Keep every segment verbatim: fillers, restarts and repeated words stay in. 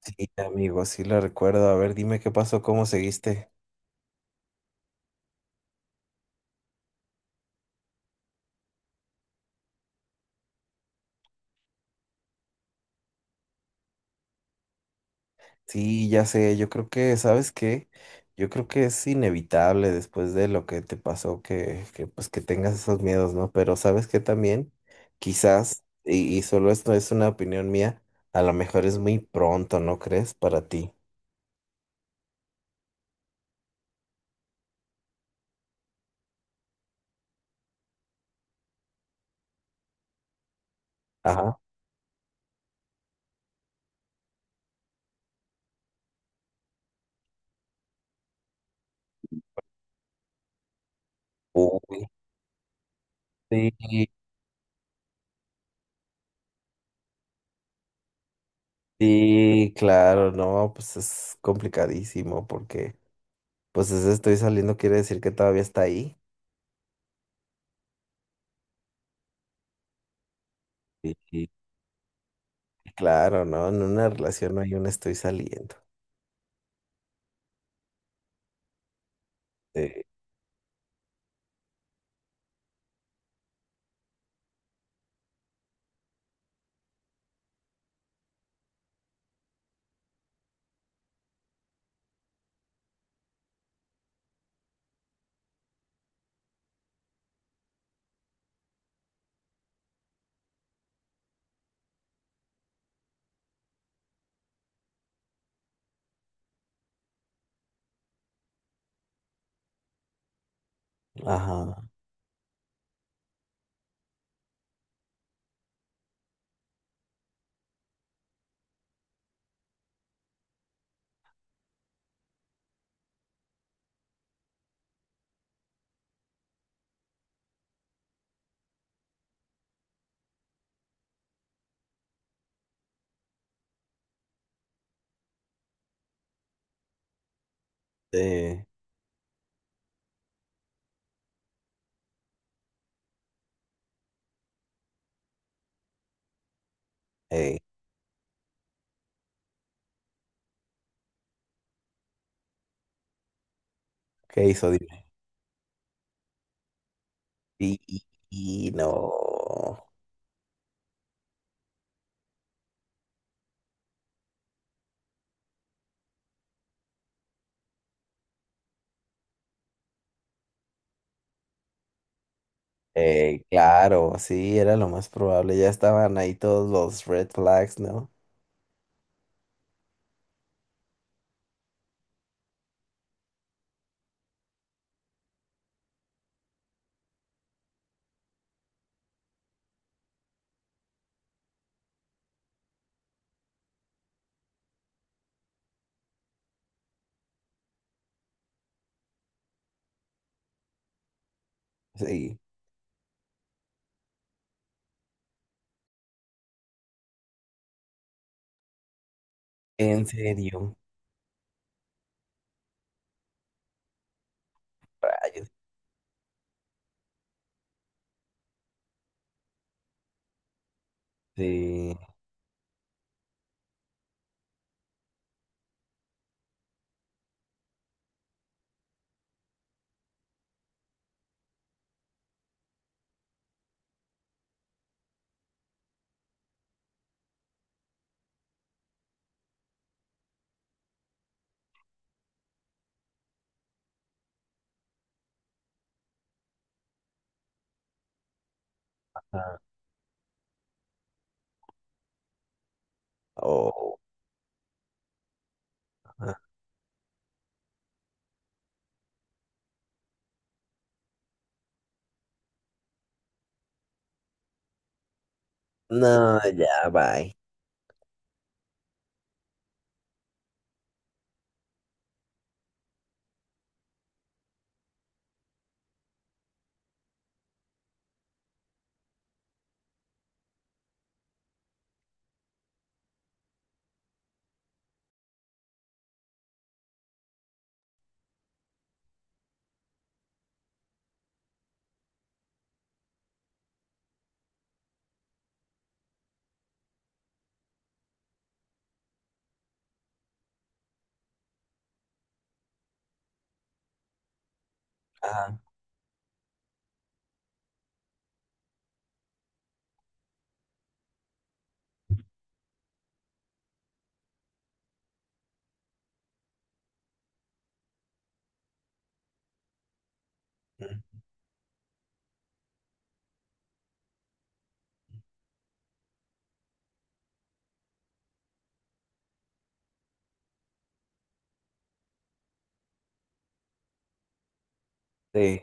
Sí, amigo, sí la recuerdo. A ver, dime qué pasó, cómo seguiste. Sí, ya sé, yo creo que, ¿sabes qué? Yo creo que es inevitable después de lo que te pasó que, que pues que tengas esos miedos, ¿no? Pero ¿sabes qué también? Quizás, y, y solo esto es una opinión mía, a lo mejor es muy pronto, ¿no crees? Para ti. Ajá. Uy, sí, sí, claro, no, pues es complicadamente complicadísimo porque, pues ese estoy saliendo quiere decir que todavía está ahí. Sí, sí, claro, ¿no? En una relación no hay un estoy saliendo. Eh, ajá. Eh, eh, ¿qué hizo? Dime. Y, y- y no. Eh, claro, sí, era lo más probable. Ya estaban ahí todos los red flags, ¿no? Sí. En serio. Rayos. Sí. Ah, oh, ah. No, ya, bye. Ajá. Mm, sí.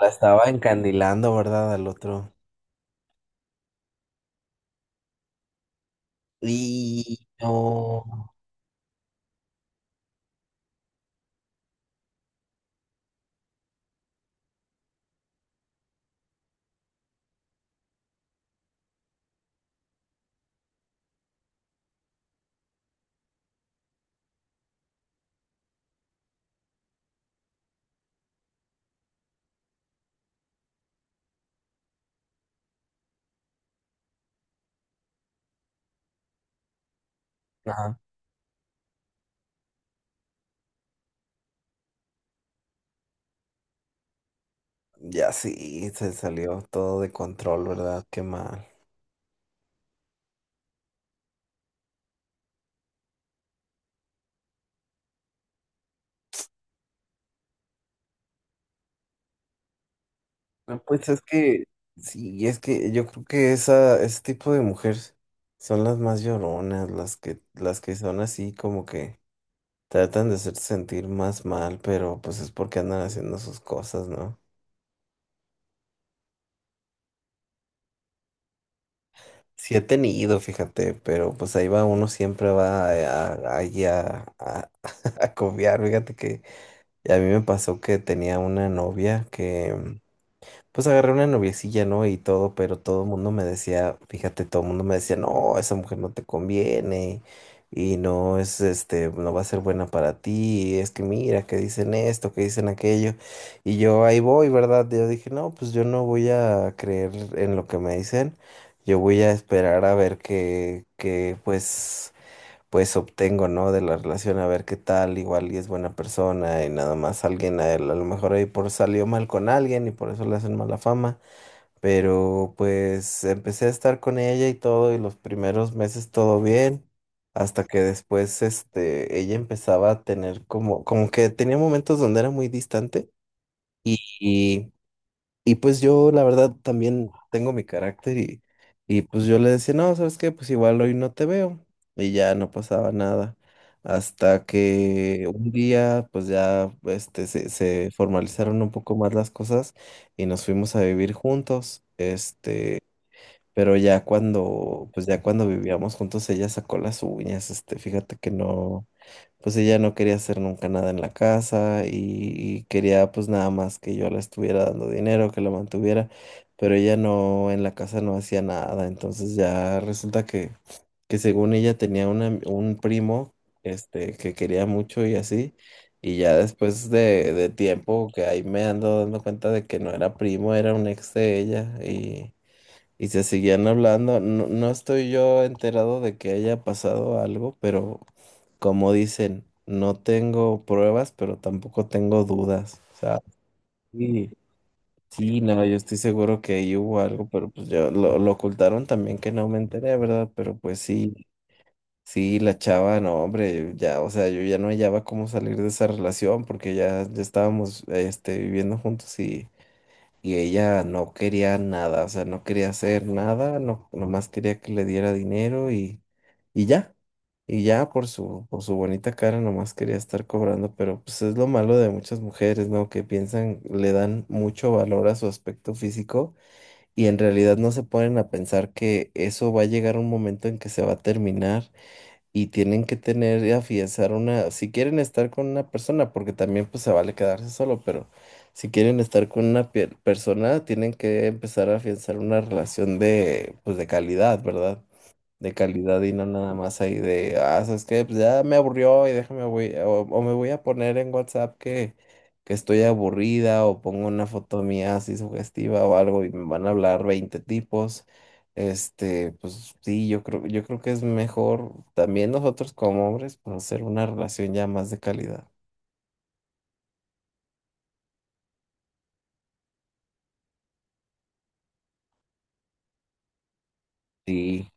La estaba encandilando, ¿verdad? Al otro. Y no. Ya sí, se salió todo de control, ¿verdad? Qué mal. No, pues es que, sí, es que yo creo que esa, ese tipo de mujeres son las más lloronas, las que, las que son así como que tratan de hacerte sentir más mal, pero pues es porque andan haciendo sus cosas, ¿no? Sí he tenido, fíjate, pero pues ahí va uno siempre va a, a, ahí a, a, a confiar. Fíjate que a mí me pasó que tenía una novia que. Pues agarré una noviecilla, ¿no? Y todo, pero todo el mundo me decía, fíjate, todo el mundo me decía, no, esa mujer no te conviene y no es, este, no va a ser buena para ti, es que mira, que dicen esto, que dicen aquello. Y yo ahí voy, ¿verdad? Yo dije, no, pues yo no voy a creer en lo que me dicen, yo voy a esperar a ver que, que, pues pues obtengo, ¿no? De la relación, a ver qué tal, igual y es buena persona y nada más alguien, a, él, a lo mejor ahí por salió mal con alguien y por eso le hacen mala fama, pero pues empecé a estar con ella y todo y los primeros meses todo bien, hasta que después, este, ella empezaba a tener como, como que tenía momentos donde era muy distante y y pues yo, la verdad, también tengo mi carácter y, y pues yo le decía, no, ¿sabes qué? Pues igual hoy no te veo. Y ya no pasaba nada. Hasta que un día, pues ya, este, se, se formalizaron un poco más las cosas y nos fuimos a vivir juntos. Este, pero ya cuando, pues ya cuando vivíamos juntos, ella sacó las uñas, este, fíjate que no, pues ella no quería hacer nunca nada en la casa y, y quería pues nada más que yo le estuviera dando dinero, que la mantuviera, pero ella no, en la casa no hacía nada, entonces ya resulta que, que según ella tenía una un primo, este, que quería mucho y así, y ya después de, de tiempo que ahí me ando dando cuenta de que no era primo, era un ex de ella y y se seguían hablando. No, no estoy yo enterado de que haya pasado algo, pero como dicen, no tengo pruebas, pero tampoco tengo dudas. O sea, sí, sí, no, yo estoy seguro que ahí hubo algo, pero pues yo lo, lo ocultaron también que no me enteré, ¿verdad? Pero pues sí, sí, la chava, no, hombre, ya, o sea, yo ya no hallaba cómo salir de esa relación porque ya, ya estábamos, este, viviendo juntos y y ella no quería nada, o sea, no quería hacer nada, no, nomás quería que le diera dinero y, y ya, y ya por su, por su bonita cara nomás quería estar cobrando, pero pues es lo malo de muchas mujeres, ¿no? Que piensan, le dan mucho valor a su aspecto físico y en realidad no se ponen a pensar que eso va a llegar un momento en que se va a terminar y tienen que tener y afianzar una, si quieren estar con una persona, porque también pues se vale quedarse solo, pero si quieren estar con una pie- persona, tienen que empezar a afianzar una relación de, pues de calidad, ¿verdad? De calidad y no nada más ahí de, ah, ¿sabes qué? Pues ya me aburrió y déjame, voy, o, o me voy a poner en WhatsApp que, que estoy aburrida o pongo una foto mía así sugestiva o algo y me van a hablar veinte tipos. Este, pues sí, yo creo, yo creo que es mejor también nosotros como hombres, pues, hacer una relación ya más de calidad. Sí,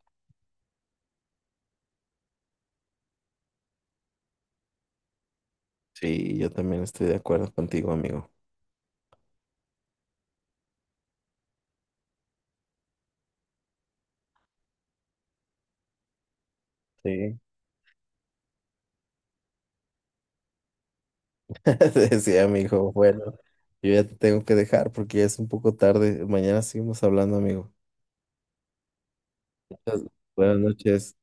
sí, yo también estoy de acuerdo contigo, amigo. Sí. Decía mi hijo. Bueno, yo ya te tengo que dejar porque ya es un poco tarde. Mañana seguimos hablando, amigo. Entonces, buenas noches.